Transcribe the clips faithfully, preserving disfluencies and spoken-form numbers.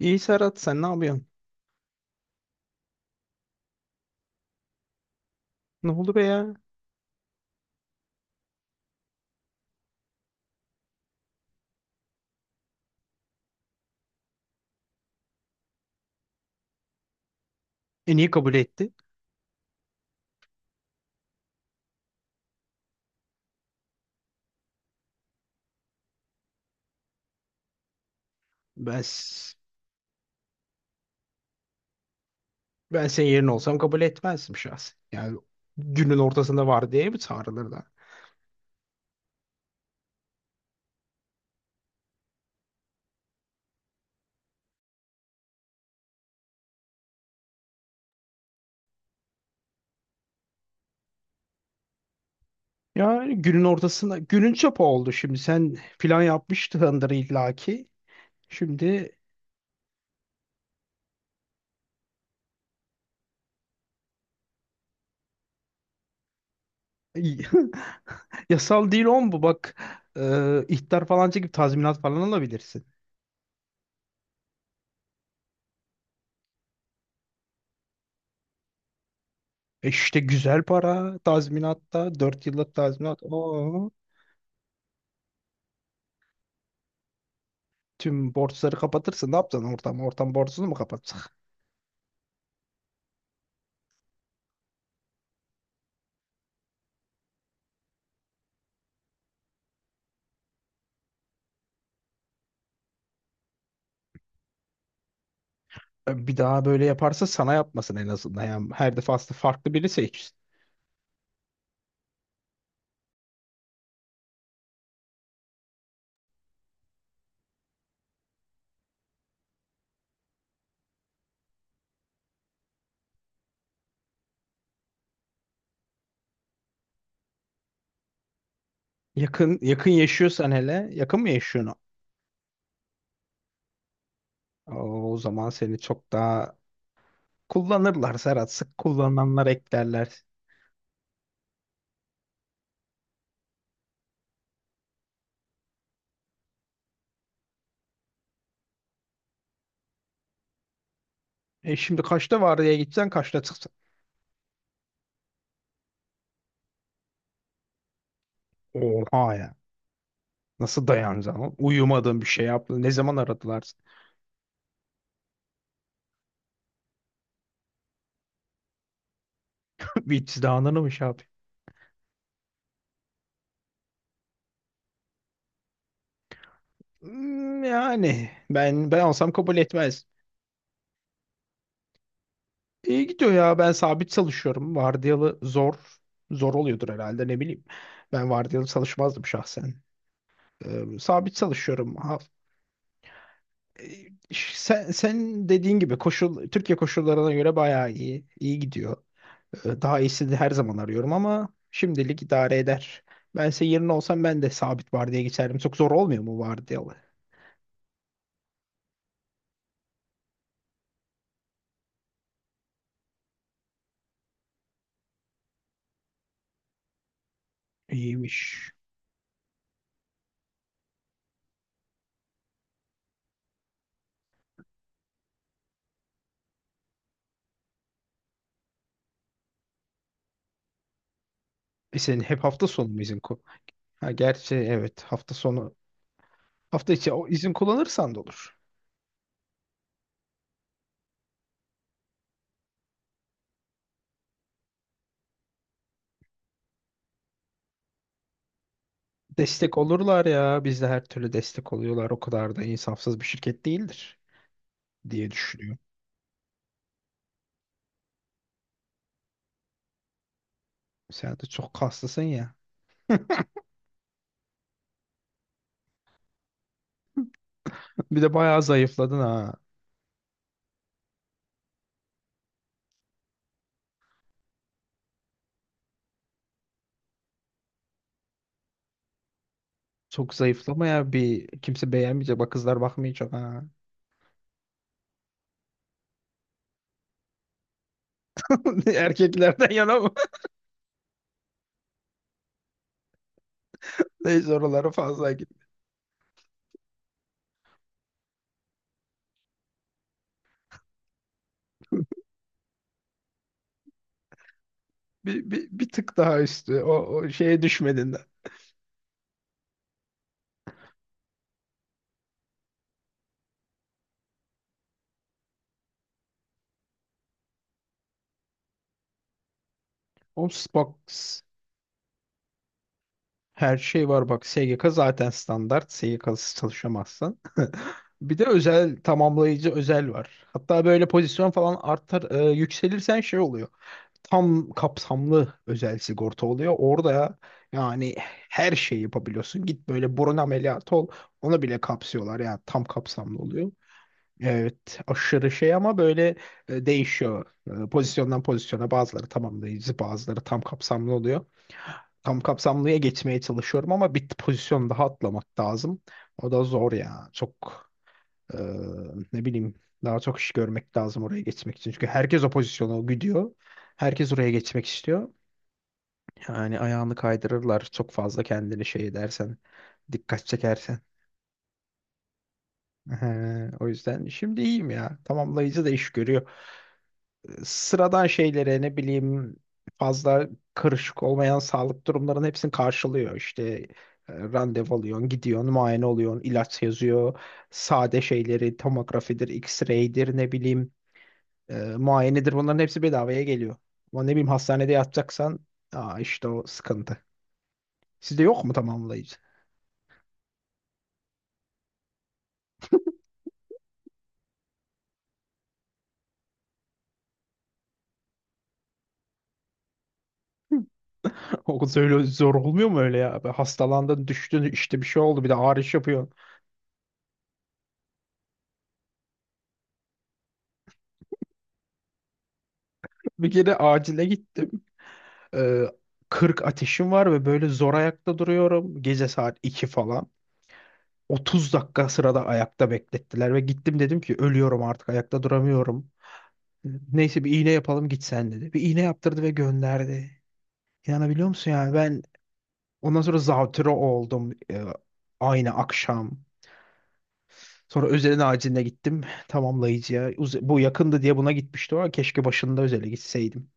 İyi Serhat sen ne yapıyorsun? Ne oldu be ya? E niye kabul etti? Ben, s- ben senin yerine olsam kabul etmezdim şahsen. Yani günün ortasında var diye mi çağrılır da? Yani günün ortasında günün çöpü oldu şimdi. Sen plan yapmıştındır illaki. Şimdi yasal değil on bu bak. Ee, ihtar falan çekip tazminat falan alabilirsin. E işte güzel para tazminatta dört yıllık tazminat. Oo. Tüm borçları kapatırsın. Ne yapacaksın ortam? Ortam borcunu mu kapatacak? Bir daha böyle yaparsa sana yapmasın en azından. Yani her defasında farklı biri seç. Yakın yakın yaşıyorsan hele yakın mı yaşıyorsun? O zaman seni çok daha kullanırlar Serhat. Sık kullananlar eklerler. E şimdi kaçta vardiya gideceksin, kaçta çıkacaksın? Oha ya. Nasıl dayanacaksın? oğlum? Uyumadın bir şey yaptın. Ne zaman aradılar? Bir izdihanını mı şey yapayım? Hmm, Yani ben ben olsam kabul etmez. İyi gidiyor ya. Ben sabit çalışıyorum. Vardiyalı zor. Zor oluyordur herhalde ne bileyim. Ben vardiyalı çalışmazdım şahsen. Ee, sabit çalışıyorum. Ha- Ee, sen, sen dediğin gibi koşul Türkiye koşullarına göre bayağı iyi. İyi gidiyor. Ee, Daha iyisini her zaman arıyorum ama şimdilik idare eder. Ben senin yerine olsam ben de sabit vardiyaya geçerdim. Çok zor olmuyor mu vardiyalı? İyiymiş. E senin hep hafta sonu mu izin ku- Ha, gerçi evet hafta sonu. Hafta içi o izin kullanırsan da olur. Destek olurlar ya. Bizde her türlü destek oluyorlar. O kadar da insafsız bir şirket değildir diye düşünüyorum. Sen de çok kaslısın ya. Bir de bayağı zayıfladın ha. Çok zayıflama ya bir kimse beğenmeyecek. Bak kızlar bakmayacak ha. Erkeklerden yana. Neyse oralara fazla git. Bir, bir, bir tık daha üstü. O, o şeye düşmedin de. Xbox her şey var bak. S G K zaten standart. S G K'sız çalışamazsın. Bir de özel tamamlayıcı özel var. Hatta böyle pozisyon falan artar e, yükselirsen şey oluyor. Tam kapsamlı özel sigorta oluyor. Orada yani her şeyi yapabiliyorsun. Git böyle burun ameliyatı ol. Onu bile kapsıyorlar yani tam kapsamlı oluyor. Evet, aşırı şey ama böyle e, değişiyor. E, Pozisyondan pozisyona bazıları tamamlayıcı, bazıları tam kapsamlı oluyor. Tam kapsamlıya geçmeye çalışıyorum ama bir pozisyon daha atlamak lazım. O da zor ya. Çok e, ne bileyim daha çok iş görmek lazım oraya geçmek için. Çünkü herkes o pozisyona gidiyor. Herkes oraya geçmek istiyor. Yani ayağını kaydırırlar çok fazla kendini şey edersen, dikkat çekersen. Ee, o yüzden şimdi iyiyim ya. Tamamlayıcı da iş görüyor. sıradan şeylere ne bileyim fazla karışık olmayan sağlık durumlarının hepsini karşılıyor. İşte e, randevu alıyorsun, gidiyorsun, muayene oluyorsun, ilaç yazıyor. Sade şeyleri tomografidir, x-ray'dir ne bileyim e, muayenedir bunların hepsi bedavaya geliyor. Ama ne bileyim hastanede yatacaksan aa işte o sıkıntı. Sizde yok mu tamamlayıcı? O öyle zor olmuyor mu öyle ya? Hastalandın, düştün, işte bir şey oldu, bir de ağrış yapıyorsun. Bir kere acile git. Ee, kırk ateşim var ve böyle zor ayakta duruyorum. Gece saat iki falan. otuz dakika sırada ayakta beklettiler ve gittim dedim ki ölüyorum artık ayakta duramıyorum. Neyse bir iğne yapalım git sen dedi. Bir iğne yaptırdı ve gönderdi. İnanabiliyor musun yani ben ondan sonra zatüre oldum e, aynı akşam. Sonra özelin aciline gittim tamamlayıcıya. Uz- Bu yakındı diye buna gitmişti ama keşke başında özele gitseydim.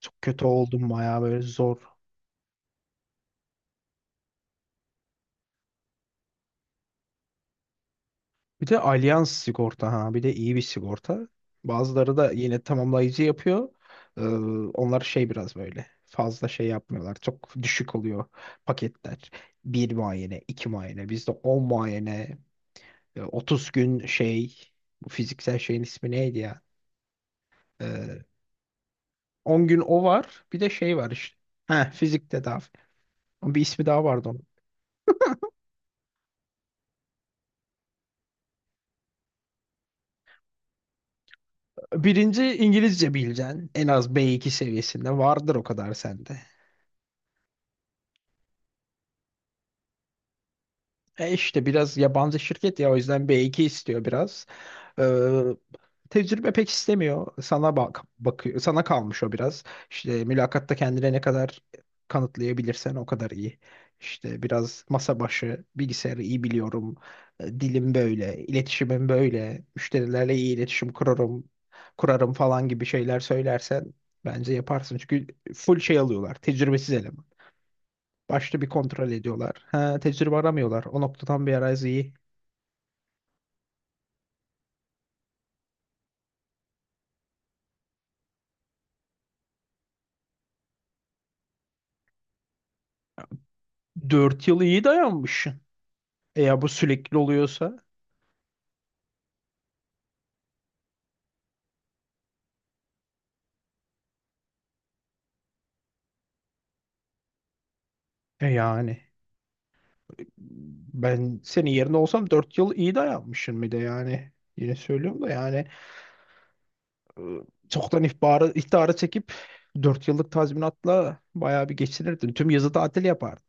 Çok kötü oldum bayağı böyle zor. Bir de Allianz sigorta ha bir de iyi bir sigorta. Bazıları da yine tamamlayıcı yapıyor. Ee, onlar şey biraz böyle fazla şey yapmıyorlar. Çok düşük oluyor paketler. Bir muayene, iki muayene. Bizde on muayene, e, otuz gün şey bu fiziksel şeyin ismi neydi ya? Ee, on gün o var. Bir de şey var işte. Ha, fizik tedavi. Bir ismi daha vardı onun. Birinci İngilizce bileceksin. En az b iki seviyesinde vardır o kadar sende. E işte biraz yabancı şirket ya o yüzden B iki istiyor biraz. Ee, tecrübe pek istemiyor. Sana bak bakıyor. Sana kalmış o biraz. İşte mülakatta kendine ne kadar kanıtlayabilirsen o kadar iyi. İşte biraz masa başı, bilgisayarı iyi biliyorum. e, Dilim böyle, iletişimim böyle. Müşterilerle iyi iletişim kurarım, kurarım falan gibi şeyler söylersen bence yaparsın. Çünkü full şey alıyorlar. Tecrübesiz eleman. Başta bir kontrol ediyorlar. Ha, tecrübe aramıyorlar. O noktadan bir arayüz iyi. Dört yıl iyi dayanmışsın. E ya bu sürekli oluyorsa e yani ben senin yerinde olsam dört yıl iyi dayanmışım bir de yani. Yine söylüyorum da yani e, çoktan ihbarı, ihtara çekip dört yıllık tazminatla bayağı bir geçinirdin. Tüm yazı tatil yapardın.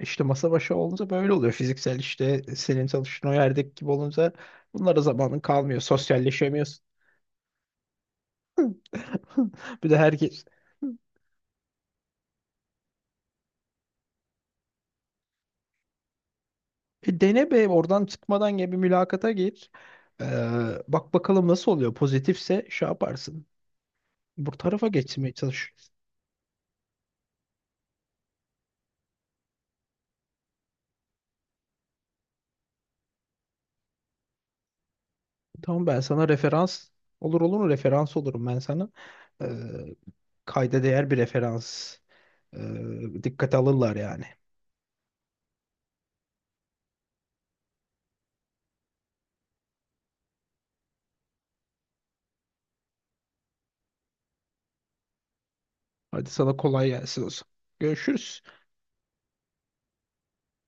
İşte masa başı olunca böyle oluyor. Fiziksel işte senin çalıştığın o yerdeki gibi olunca bunlara zamanın kalmıyor. Sosyalleşemiyorsun. Bir de herkes. E, dene be oradan çıkmadan gibi bir mülakata gir. Ee, bak bakalım nasıl oluyor. Pozitifse şey yaparsın. Bu tarafa geçmeye çalış. Tamam ben sana referans olur olur mu? Referans olurum ben sana. Ee, kayda değer bir referans. Ee, dikkate alırlar yani. Hadi sana kolay gelsin olsun. Görüşürüz.